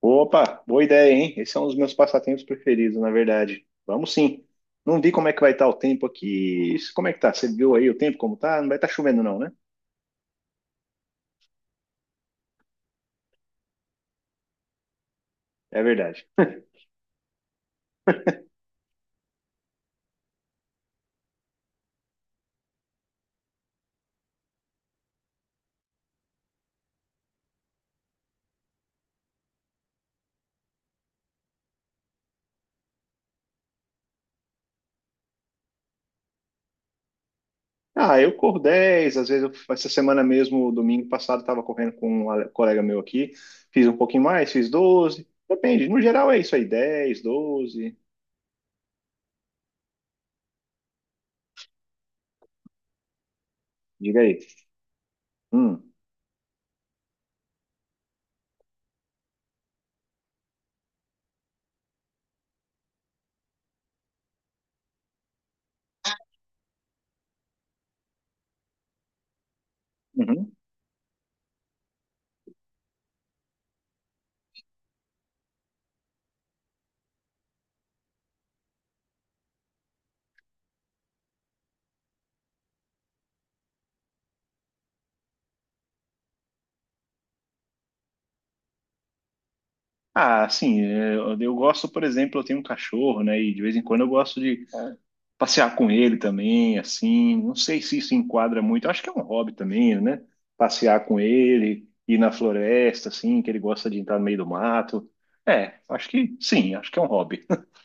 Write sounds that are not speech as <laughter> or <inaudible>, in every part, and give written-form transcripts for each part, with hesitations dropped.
Opa, boa ideia, hein? Esse é um dos meus passatempos preferidos, na verdade. Vamos sim. Não vi como é que vai estar o tempo aqui. Como é que tá? Você viu aí o tempo como tá? Não vai estar chovendo não, né? É verdade. Ah, eu corro 10. Às vezes essa semana mesmo, domingo passado, estava correndo com um colega meu aqui. Fiz um pouquinho mais, fiz 12. Depende, no geral é isso aí, 10, 12. Diga aí. Hum. Uhum. Ah, sim, é, eu gosto, por exemplo, eu tenho um cachorro, né? E de vez em quando eu gosto de passear com ele também, assim. Não sei se isso enquadra muito. Acho que é um hobby também, né? Passear com ele, ir na floresta, assim, que ele gosta de entrar no meio do mato. É, acho que sim, acho que é um hobby. <laughs>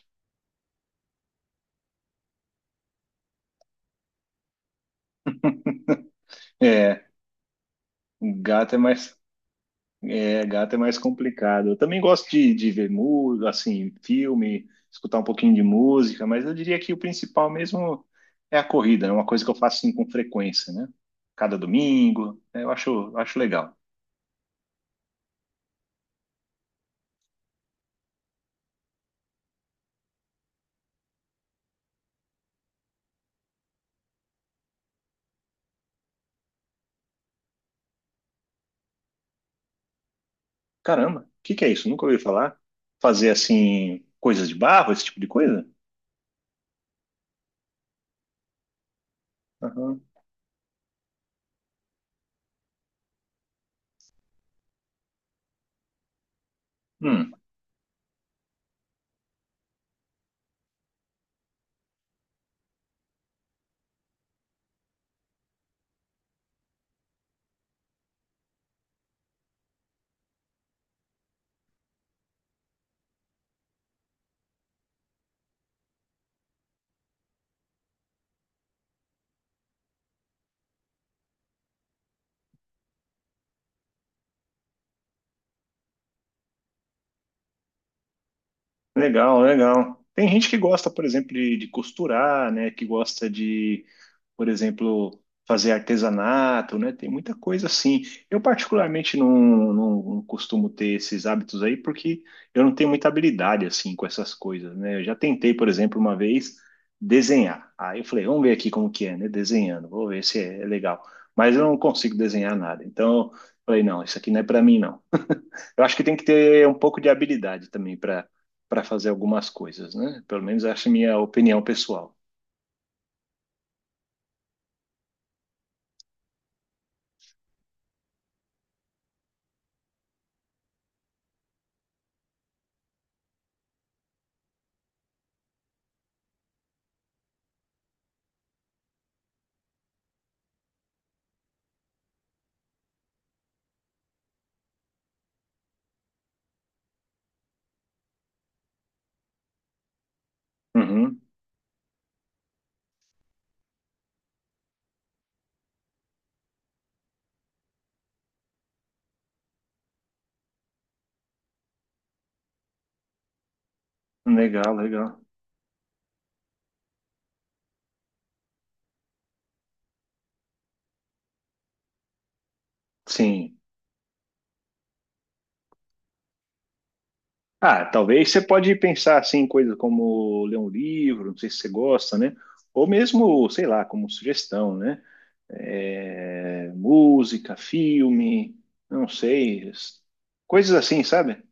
É, um gato é mais, gato é mais complicado. Eu também gosto de, ver música, assim, filme, escutar um pouquinho de música, mas eu diria que o principal mesmo é a corrida, é uma coisa que eu faço assim, com frequência, né? Cada domingo, né? Eu acho legal. Caramba, o que que é isso? Nunca ouvi falar. Fazer assim, coisas de barro, esse tipo de coisa? Aham. Hum. Legal, legal. Tem gente que gosta, por exemplo, de costurar, né? Que gosta de, por exemplo, fazer artesanato, né? Tem muita coisa assim. Eu particularmente não costumo ter esses hábitos aí porque eu não tenho muita habilidade assim com essas coisas, né? Eu já tentei, por exemplo, uma vez desenhar. Aí eu falei, vamos ver aqui como que é, né? Desenhando, vou ver se é legal. Mas eu não consigo desenhar nada. Então, eu falei, não, isso aqui não é para mim, não. Eu acho que tem que ter um pouco de habilidade também para fazer algumas coisas, né? Pelo menos essa é a minha opinião pessoal. Uhum. Legal, legal. Sim. Ah, talvez você pode pensar assim em coisas como ler um livro, não sei se você gosta, né? Ou mesmo, sei lá, como sugestão, né? É, música, filme, não sei, coisas assim, sabe?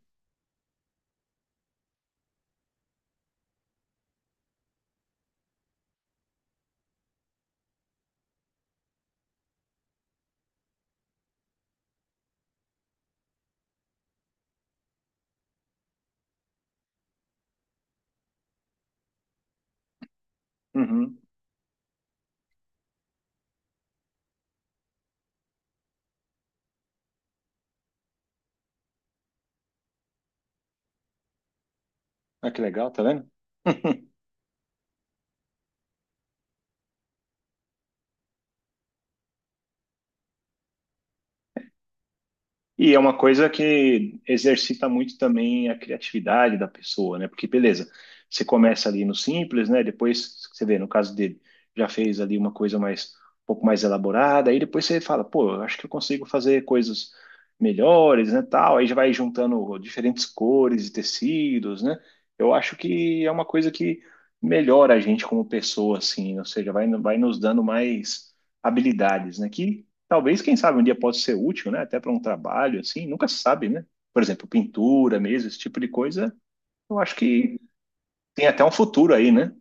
Uhum. Ah, que legal, tá vendo? <laughs> E é uma coisa que exercita muito também a criatividade da pessoa, né? Porque, beleza, você começa ali no simples, né? Depois, você vê, no caso dele, já fez ali uma coisa mais, um pouco mais elaborada, aí depois você fala, pô, eu acho que eu consigo fazer coisas melhores, né? Tal, aí já vai juntando diferentes cores e tecidos, né? Eu acho que é uma coisa que melhora a gente como pessoa, assim, ou seja, vai nos dando mais habilidades, né? Que Talvez, quem sabe, um dia possa ser útil, né? Até para um trabalho, assim, nunca se sabe, né? Por exemplo, pintura mesmo, esse tipo de coisa, eu acho que tem até um futuro aí, né?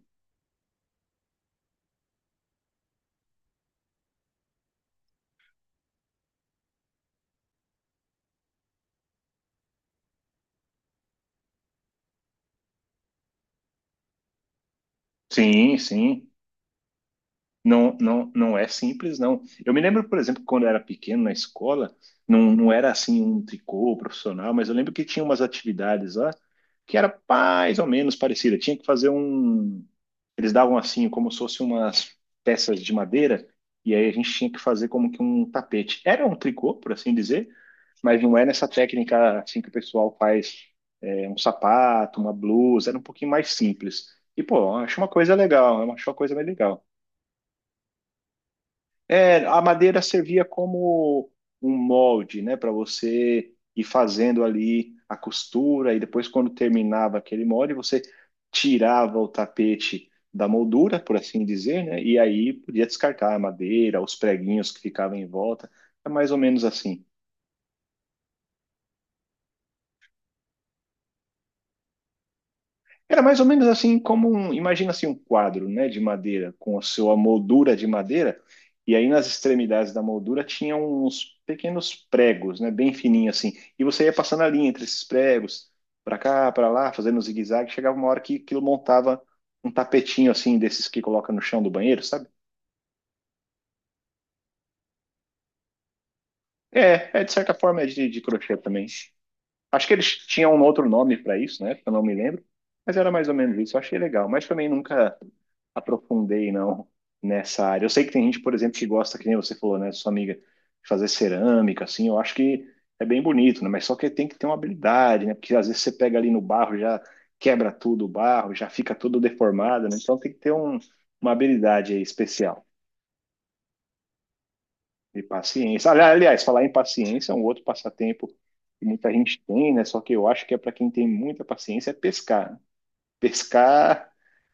Sim, sim. Não, não, não é simples, não. Eu me lembro, por exemplo, quando eu era pequeno na escola, não era assim um tricô profissional, mas eu lembro que tinha umas atividades lá que era mais ou menos parecida. Tinha que fazer um. Eles davam assim, como se fossem umas peças de madeira, e aí a gente tinha que fazer como que um tapete. Era um tricô, por assim dizer, mas não é nessa técnica assim que o pessoal faz um sapato, uma blusa, era um pouquinho mais simples. E, pô, eu acho uma coisa legal, eu acho uma coisa bem legal. É, a madeira servia como um molde, né, para você ir fazendo ali a costura e depois quando terminava aquele molde, você tirava o tapete da moldura, por assim dizer, né, e aí podia descartar a madeira, os preguinhos que ficavam em volta. É mais ou menos assim. Era mais ou menos assim como um, imagina assim um quadro, né, de madeira com a sua moldura de madeira, e aí nas extremidades da moldura tinha uns pequenos pregos, né, bem fininho assim, e você ia passando a linha entre esses pregos, para cá, para lá, fazendo um zigue-zague, chegava uma hora que aquilo montava um tapetinho assim desses que coloca no chão do banheiro, sabe? É, é de certa forma é de, crochê também. Acho que eles tinham um outro nome para isso, né? Eu não me lembro, mas era mais ou menos isso. Eu achei legal, mas também nunca aprofundei não nessa área. Eu sei que tem gente, por exemplo, que gosta, que nem você falou, né, sua amiga, de fazer cerâmica, assim. Eu acho que é bem bonito, né? Mas só que tem que ter uma habilidade, né? Porque às vezes você pega ali no barro, já quebra tudo o barro, já fica tudo deformado, né? Então tem que ter uma habilidade aí especial. E paciência. Aliás, falar em paciência é um outro passatempo que muita gente tem, né? Só que eu acho que é para quem tem muita paciência é pescar, né? Pescar,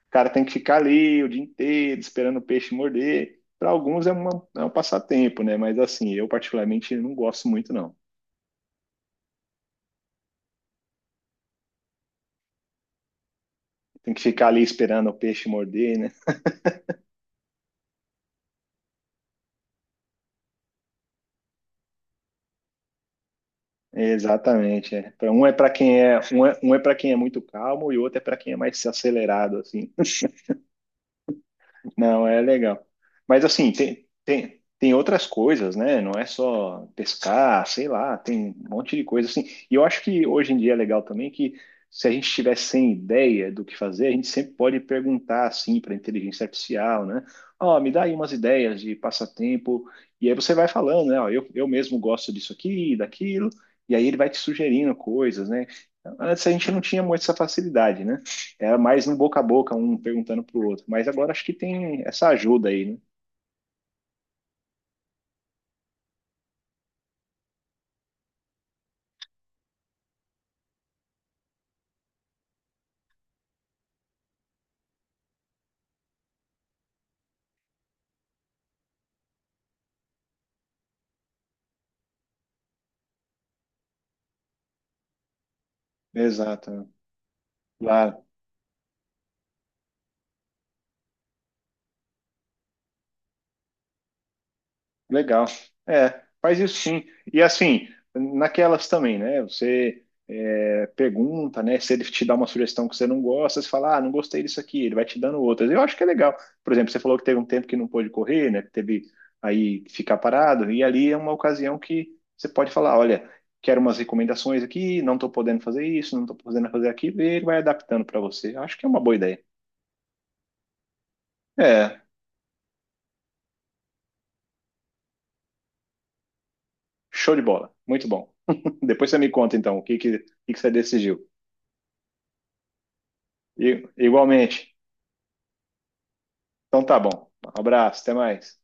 o cara tem que ficar ali o dia inteiro esperando o peixe morder. Para alguns é um passatempo, né? Mas assim, eu particularmente não gosto muito, não. Tem que ficar ali esperando o peixe morder, né? É, exatamente. É. Um é para quem é um é, um é para quem é muito calmo e o outro é para quem é mais acelerado, assim. Não, é legal. Mas assim, tem outras coisas, né? Não é só pescar, sei lá, tem um monte de coisa assim. E eu acho que hoje em dia é legal também que se a gente tiver sem ideia do que fazer, a gente sempre pode perguntar assim para a inteligência artificial, né? Ó, me dá aí umas ideias de passatempo. E aí você vai falando, né? Ó, eu mesmo gosto disso aqui, daquilo. E aí ele vai te sugerindo coisas, né? Antes a gente não tinha muito essa facilidade, né? Era mais um boca a boca, um perguntando pro outro. Mas agora acho que tem essa ajuda aí, né? Exato. Lá Legal. É, faz isso sim. E assim, naquelas também, né? Você pergunta, né? Se ele te dá uma sugestão que você não gosta, você fala, ah, não gostei disso aqui, ele vai te dando outras. Eu acho que é legal. Por exemplo, você falou que teve um tempo que não pôde correr, né? Que teve aí que ficar parado, e ali é uma ocasião que você pode falar, olha, quero umas recomendações aqui, não tô podendo fazer isso, não tô podendo fazer aquilo, e ele vai adaptando para você. Eu acho que é uma boa ideia. É, show de bola. Muito bom. <laughs> Depois você me conta, então, o que que você decidiu. Igualmente. Então tá bom. Um abraço, até mais.